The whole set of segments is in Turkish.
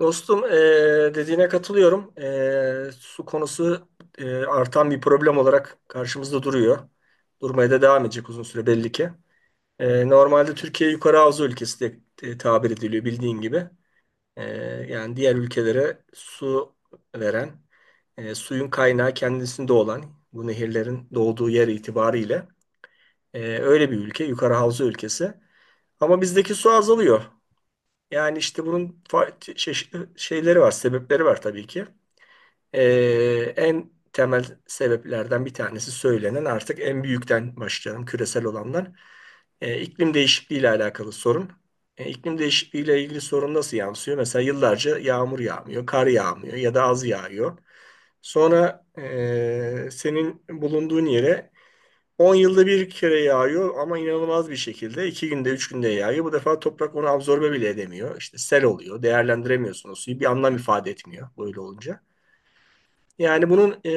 Dostum dediğine katılıyorum. Su konusu artan bir problem olarak karşımızda duruyor. Durmaya da devam edecek uzun süre belli ki. Normalde Türkiye yukarı havza ülkesi de tabir ediliyor bildiğin gibi. Yani diğer ülkelere su veren, suyun kaynağı kendisinde olan bu nehirlerin doğduğu yer itibariyle öyle bir ülke, yukarı havza ülkesi. Ama bizdeki su azalıyor. Yani işte bunun çeşitli şeyleri var, sebepleri var tabii ki. En temel sebeplerden bir tanesi söylenen, artık en büyükten başlayalım, küresel olanlar. İklim değişikliği ile alakalı sorun. İklim değişikliği ile ilgili sorun nasıl yansıyor? Mesela yıllarca yağmur yağmıyor, kar yağmıyor ya da az yağıyor. Sonra senin bulunduğun yere 10 yılda bir kere yağıyor, ama inanılmaz bir şekilde 2 günde 3 günde yağıyor. Bu defa toprak onu absorbe bile edemiyor. İşte sel oluyor. Değerlendiremiyorsun o suyu. Bir anlam ifade etmiyor böyle olunca. Yani bunun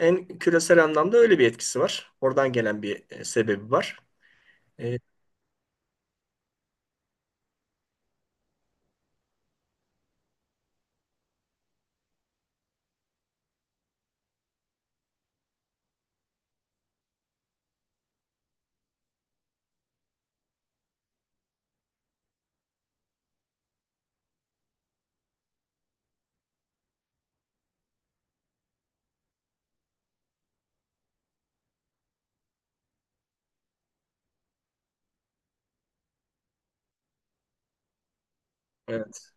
en küresel anlamda öyle bir etkisi var. Oradan gelen bir sebebi var. E, evet.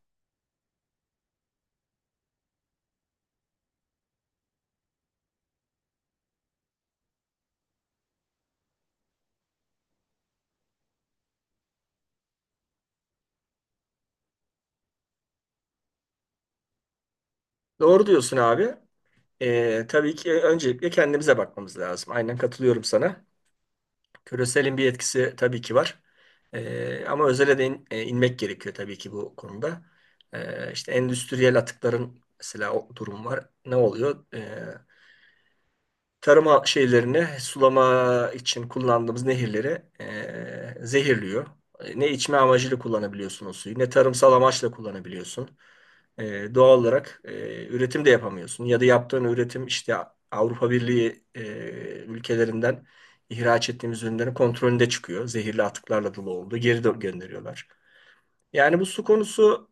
Doğru diyorsun abi. Tabii ki öncelikle kendimize bakmamız lazım. Aynen katılıyorum sana. Küreselin bir etkisi tabii ki var. Ama özele de inmek gerekiyor tabii ki bu konuda. İşte endüstriyel atıkların mesela o durum var. Ne oluyor? Tarıma şeylerini sulama için kullandığımız nehirleri zehirliyor. Ne içme amacıyla kullanabiliyorsun o suyu, ne tarımsal amaçla kullanabiliyorsun. Doğal olarak üretim de yapamıyorsun. Ya da yaptığın üretim, işte Avrupa Birliği ülkelerinden ihraç ettiğimiz ürünlerin kontrolünde çıkıyor, zehirli atıklarla dolu oldu, geri gönderiyorlar. Yani bu su konusu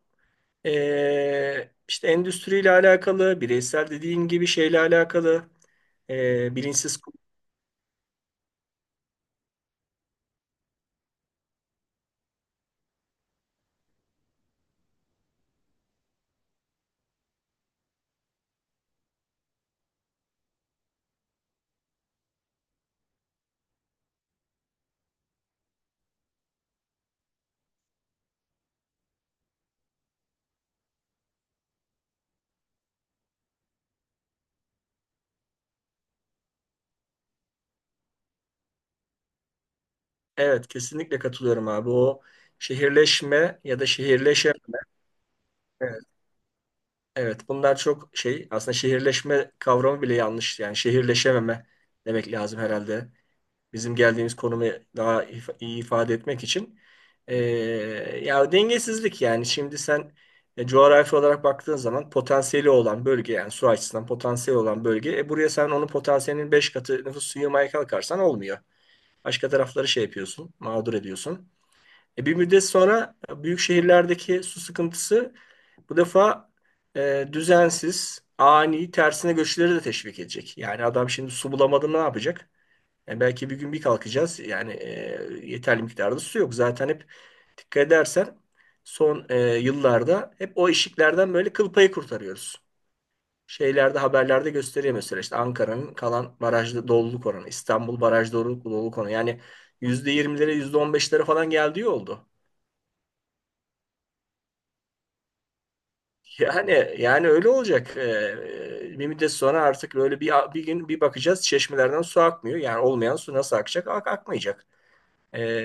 işte endüstriyle alakalı, bireysel dediğin gibi şeyle alakalı. Bilinçsiz. Evet, kesinlikle katılıyorum abi. O şehirleşme ya da şehirleşme. Evet, bunlar çok şey; aslında şehirleşme kavramı bile yanlış. Yani şehirleşememe demek lazım herhalde. Bizim geldiğimiz konumu daha iyi ifade etmek için. Ee, Ya dengesizlik, yani şimdi sen coğrafi olarak baktığın zaman potansiyeli olan bölge, yani su açısından potansiyeli olan bölge. Buraya sen onun potansiyelinin 5 katı nüfus yığmaya kalkarsan olmuyor. Başka tarafları şey yapıyorsun, mağdur ediyorsun. Bir müddet sonra büyük şehirlerdeki su sıkıntısı bu defa düzensiz, ani, tersine göçleri de teşvik edecek. Yani adam şimdi su bulamadı, ne yapacak? Belki bir gün bir kalkacağız, yani yeterli miktarda su yok. Zaten hep dikkat edersen son yıllarda hep o eşiklerden böyle kıl payı kurtarıyoruz. Şeylerde, haberlerde gösteriyor; mesela işte Ankara'nın kalan barajda doluluk oranı, İstanbul baraj doluluk oranı. Yani %20'lere, %15'lere falan geldiği oldu. Yani öyle olacak. Bir müddet sonra artık böyle bir gün bir bakacağız, çeşmelerden su akmıyor. Yani olmayan su nasıl akacak? Akmayacak. Ee,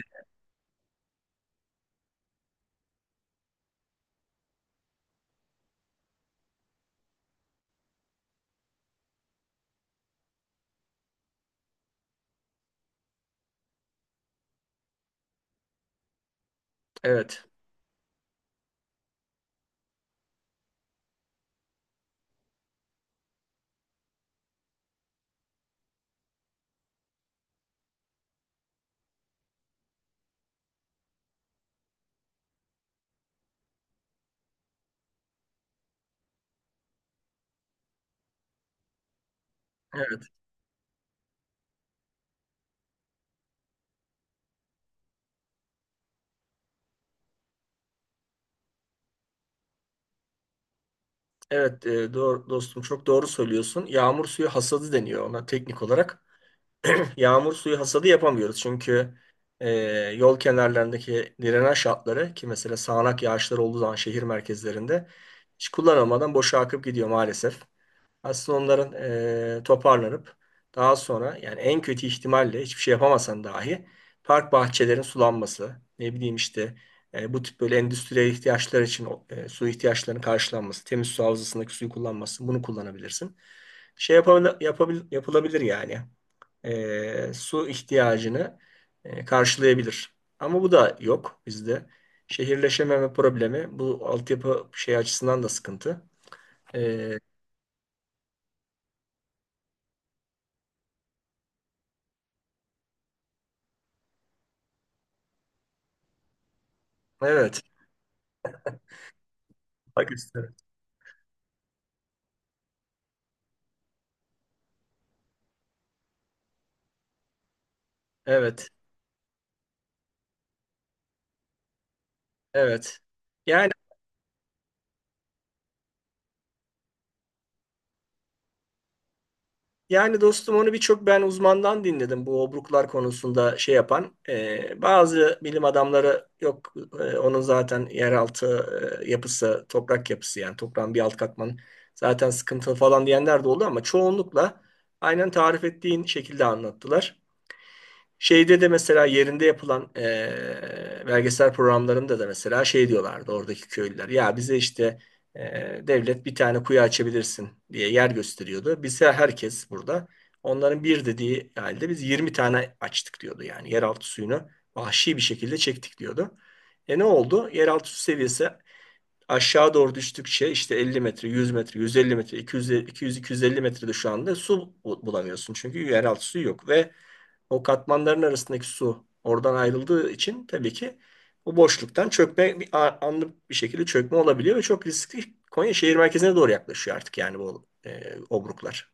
evet. Evet. Evet, doğru dostum, çok doğru söylüyorsun. Yağmur suyu hasadı deniyor ona teknik olarak. Yağmur suyu hasadı yapamıyoruz. Çünkü e, yol kenarlarındaki drenaj hatları, ki mesela sağanak yağışlar olduğu zaman şehir merkezlerinde hiç kullanılmadan boşa akıp gidiyor maalesef. Aslında onların toparlanıp daha sonra, yani en kötü ihtimalle hiçbir şey yapamasan dahi park bahçelerin sulanması, ne bileyim işte bu tip böyle endüstriyel ihtiyaçlar için su ihtiyaçlarının karşılanması, temiz su havzasındaki suyu kullanması; bunu kullanabilirsin. Şey yapılabilir yani. Su ihtiyacını karşılayabilir. Ama bu da yok bizde. Şehirleşememe problemi bu altyapı şey açısından da sıkıntı. E, evet. Bak. Evet, evet. Yani yani dostum, onu birçok ben uzmandan dinledim bu obruklar konusunda şey yapan. Bazı bilim adamları, yok onun zaten yeraltı yapısı, toprak yapısı, yani toprağın bir alt katmanı zaten sıkıntılı falan diyenler de oldu, ama çoğunlukla aynen tarif ettiğin şekilde anlattılar. Şeyde de mesela yerinde yapılan belgesel programlarında da mesela şey diyorlardı oradaki köylüler. Ya bize işte devlet bir tane kuyu açabilirsin diye yer gösteriyordu. Bize herkes burada onların bir dediği halde biz 20 tane açtık diyordu. Yani yeraltı suyunu vahşi bir şekilde çektik diyordu. Ne oldu? Yeraltı su seviyesi aşağı doğru düştükçe işte 50 metre, 100 metre, 150 metre, 200, 250 metrede şu anda su bulamıyorsun. Çünkü yeraltı suyu yok, ve o katmanların arasındaki su oradan ayrıldığı için tabii ki o boşluktan çökme, bir anlık bir şekilde çökme olabiliyor ve çok riskli. Konya şehir merkezine doğru yaklaşıyor artık, yani bu obruklar.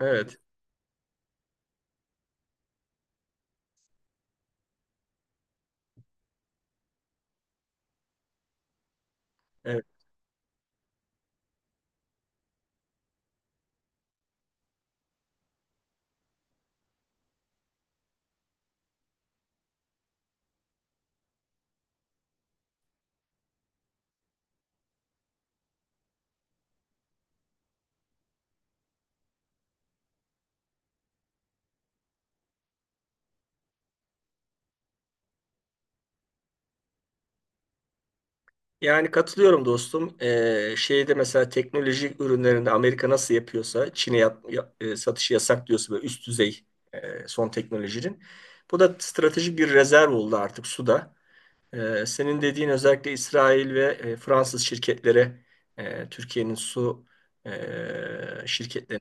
Evet. Evet. Yani katılıyorum dostum. Şeyde mesela teknoloji ürünlerinde, Amerika nasıl yapıyorsa Çin'e satışı yasak diyorsa böyle üst düzey son teknolojinin, bu da stratejik bir rezerv oldu artık suda. Senin dediğin özellikle İsrail ve Fransız şirketlere, Türkiye'nin su e, şirketleri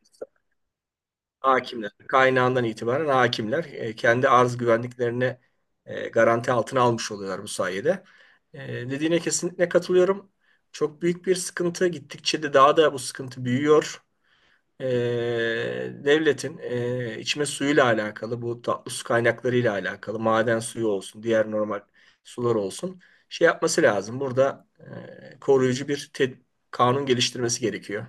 hakimler. Kaynağından itibaren hakimler, kendi arz güvenliklerini garanti altına almış oluyorlar bu sayede. Dediğine kesinlikle katılıyorum. Çok büyük bir sıkıntı. Gittikçe de daha da bu sıkıntı büyüyor. E, Devletin içme suyuyla alakalı, bu tatlı su kaynaklarıyla alakalı, maden suyu olsun, diğer normal sular olsun, şey yapması lazım. Burada koruyucu bir kanun geliştirmesi gerekiyor.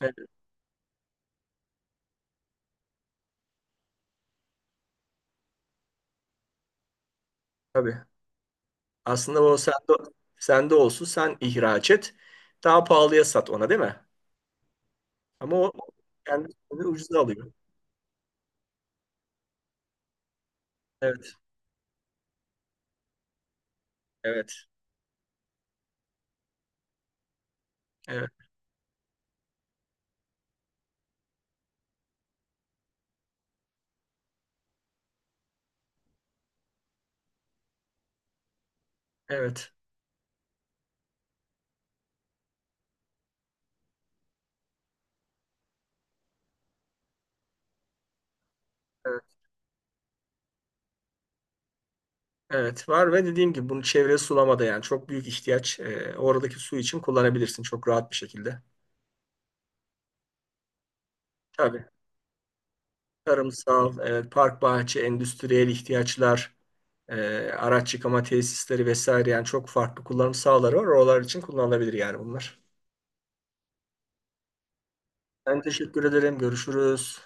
Evet, tabii. Aslında o sende olsun, sen ihraç et. Daha pahalıya sat ona, değil mi? Ama o kendisi ucuza alıyor. Evet, evet, evet, evet, evet, evet. Var, ve dediğim gibi bunu çevre sulamada, yani çok büyük ihtiyaç. Oradaki su için kullanabilirsin çok rahat bir şekilde. Tabii. Tarımsal, evet, park bahçe, endüstriyel ihtiyaçlar, araç yıkama tesisleri vesaire, yani çok farklı kullanım sahaları var. Oralar için kullanılabilir yani bunlar. Ben teşekkür ederim. Görüşürüz.